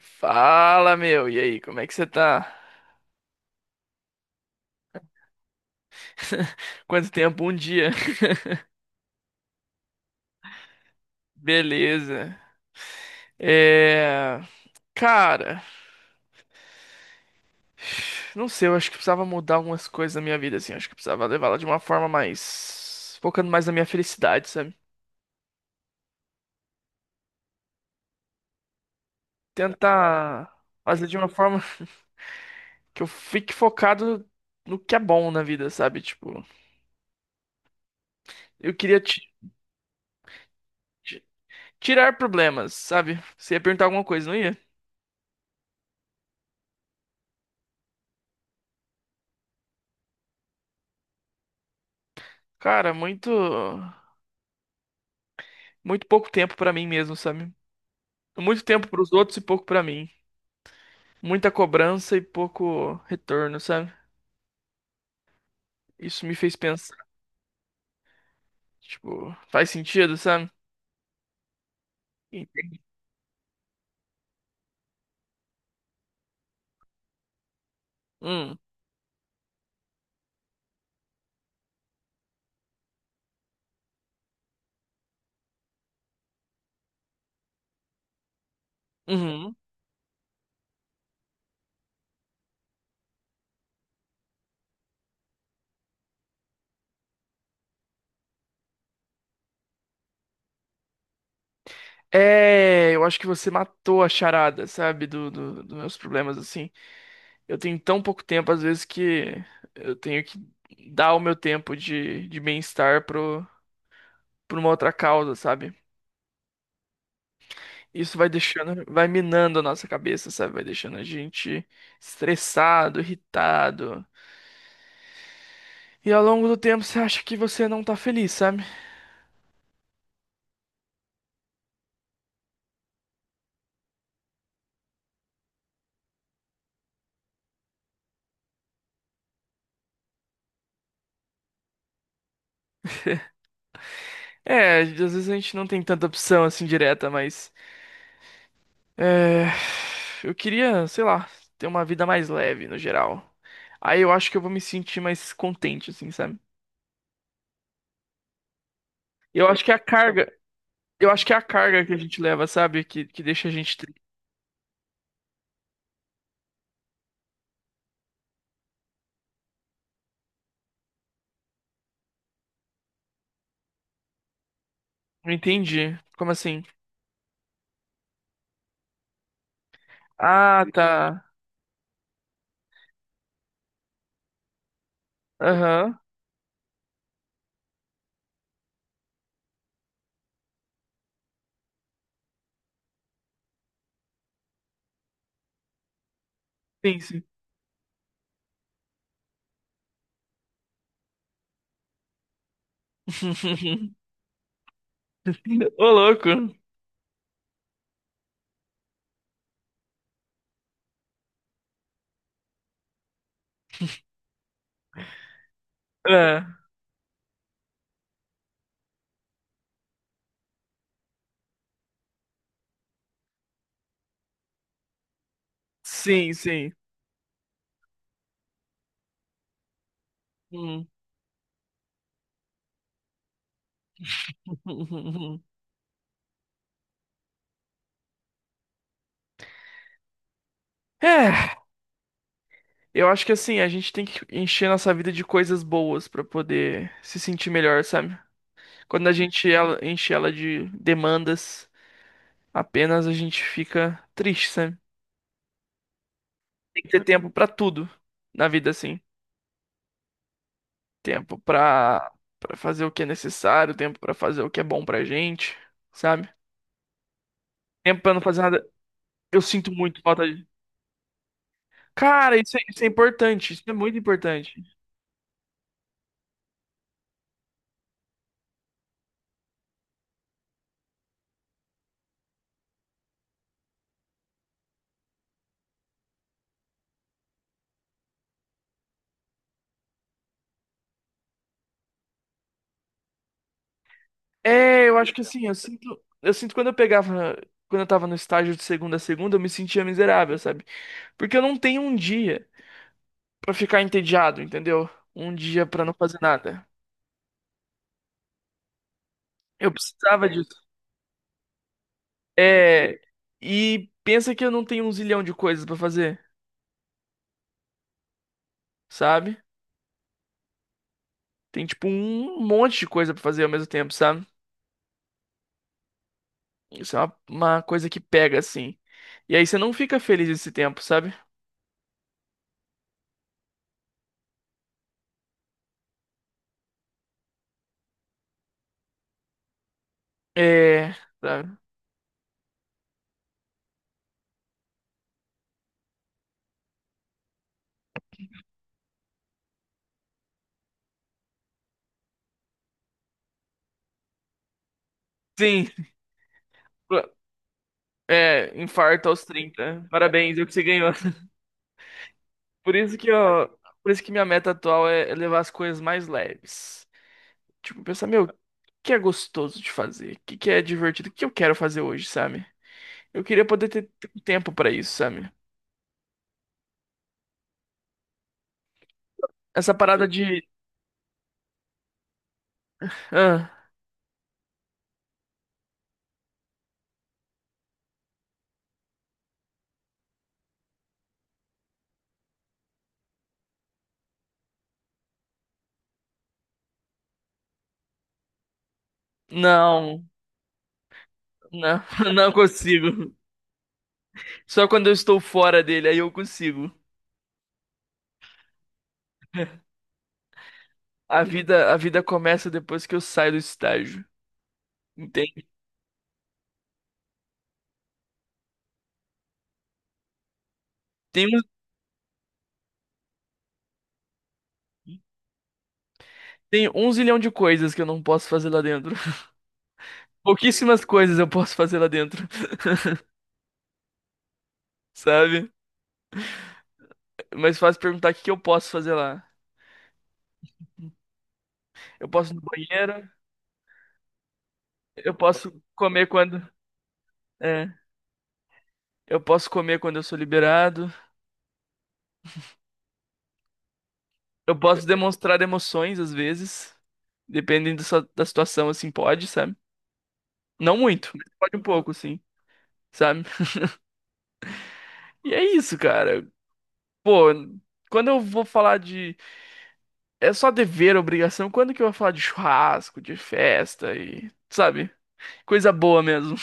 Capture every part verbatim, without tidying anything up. Fala, meu. E aí, como é que você tá? Quanto tempo? Um dia. Beleza. É. Cara, não sei, eu acho que precisava mudar algumas coisas na minha vida, assim. Acho que precisava levá-la de uma forma mais. Focando mais na minha felicidade, sabe? Tentar fazer de uma forma que eu fique focado no que é bom na vida, sabe? Tipo, eu queria ti- ti- tirar problemas, sabe? Você ia perguntar alguma coisa, não ia? Cara, muito. Muito pouco tempo pra mim mesmo, sabe? Muito tempo para os outros e pouco para mim. Muita cobrança e pouco retorno, sabe? Isso me fez pensar, tipo, faz sentido, sabe? Entendi. Hum, uhum. É, eu acho que você matou a charada, sabe, do, do- dos meus problemas, assim. Eu tenho tão pouco tempo, às vezes, que eu tenho que dar o meu tempo de, de bem-estar pro, pra uma outra causa, sabe? Isso vai deixando, vai minando a nossa cabeça, sabe? Vai deixando a gente estressado, irritado. E ao longo do tempo você acha que você não tá feliz, sabe? É, às vezes a gente não tem tanta opção assim direta, mas. É... Eu queria, sei lá, ter uma vida mais leve no geral. Aí eu acho que eu vou me sentir mais contente, assim, sabe? Eu acho que é a carga. Eu acho que é a carga que a gente leva, sabe? Que, que deixa a gente triste. Não entendi. Como assim? Ah, tá. Aham. Sim, sim. Ô, louco. É. Sim, sim. Hum. É. Eu acho que assim, a gente tem que encher nossa vida de coisas boas pra poder se sentir melhor, sabe? Quando a gente ela- enche ela de demandas, apenas a gente fica triste, sabe? Tem que ter tempo pra tudo na vida, assim. Tempo pra Para fazer o que é necessário, tempo pra fazer o que é bom pra gente, sabe? Tempo pra não fazer nada. Eu sinto muito falta de. Cara, isso é, isso é importante, isso é muito importante. É, eu acho que assim, eu sinto, eu sinto quando eu pegava, quando eu tava no estágio de segunda a segunda, eu me sentia miserável, sabe? Porque eu não tenho um dia pra ficar entediado, entendeu? Um dia pra não fazer nada. Eu precisava disso. É, e pensa que eu não tenho um zilhão de coisas pra fazer, sabe? Tem tipo um monte de coisa pra fazer ao mesmo tempo, sabe? Isso é uma, uma coisa que pega assim. E aí você não fica feliz esse tempo, sabe? É, sabe? Sim. É, infarto aos trinta. Parabéns, eu que você ganhou. Por isso que eu, por isso que minha meta atual é é levar as coisas mais leves. Tipo, pensar, meu, o que é gostoso de fazer? O que que é divertido? O que eu quero fazer hoje, sabe? Eu queria poder ter ter tempo pra isso, sabe? Essa parada de, ah, não, não, não consigo. Só quando eu estou fora dele aí eu consigo. A vida, a vida começa depois que eu saio do estágio. Entende? Tem, um- Tem um zilhão de coisas que eu não posso fazer lá dentro. Pouquíssimas coisas eu posso fazer lá dentro, sabe? Mas fácil perguntar o que que eu posso fazer lá. Eu posso ir no banheiro, eu posso comer quando. É, eu posso comer quando eu sou liberado. Eu posso demonstrar emoções às vezes, dependendo da sua- da situação, assim, pode, sabe? Não muito, mas pode um pouco, sim, sabe? E é isso, cara. Pô, quando eu vou falar de. É só dever, obrigação, quando que eu vou falar de churrasco, de festa e. Sabe? Coisa boa mesmo.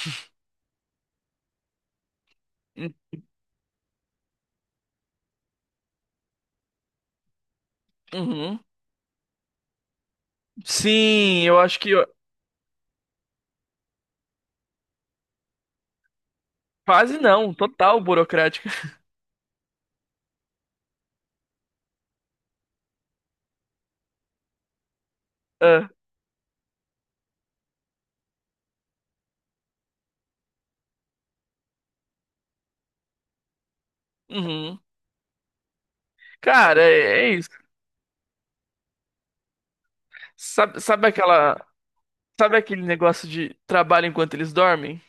Uhum. Sim, eu acho que quase não, total burocrática. Ah, uhum. Cara, é, é isso. Sabe, sabe aquela, sabe aquele negócio de trabalho enquanto eles dormem?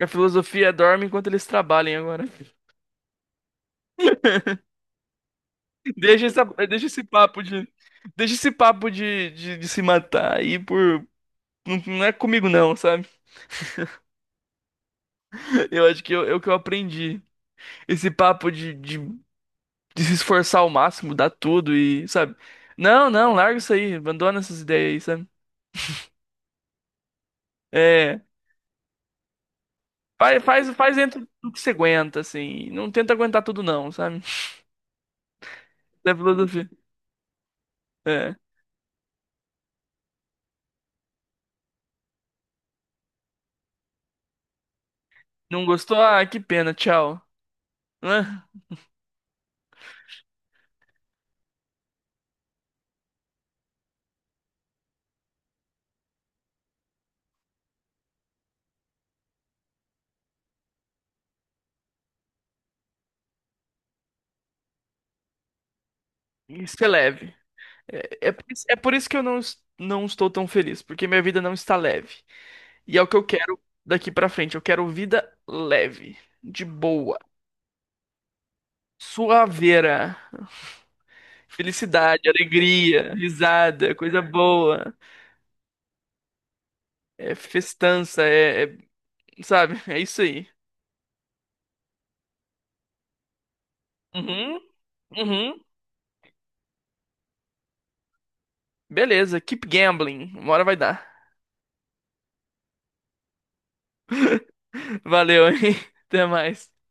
A filosofia é dorme enquanto eles trabalham agora. Deixa essa, deixa esse papo de, deixa esse papo de, de, de se matar aí por, não, não é comigo não, sabe? Eu acho que eu, é o que eu aprendi. Esse papo de, de, de se esforçar ao máximo, dar tudo e, sabe? Não, não, larga isso aí, abandona essas ideias aí, sabe? É. Faz, faz, faz dentro do que você aguenta, assim. Não tenta aguentar tudo, não, sabe? É filosofia. É. Não gostou? Ah, que pena, tchau. Ah, isso é leve. É, é, por isso é por isso que eu não, es- não estou tão feliz, porque minha vida não está leve. E é o que eu quero daqui pra frente. Eu quero vida leve, de boa, suaveira, felicidade, alegria, risada, coisa boa, é festança, é, é- sabe? É isso aí. Uhum, uhum. Beleza, keep gambling. Uma hora vai dar. Valeu, hein? Até mais.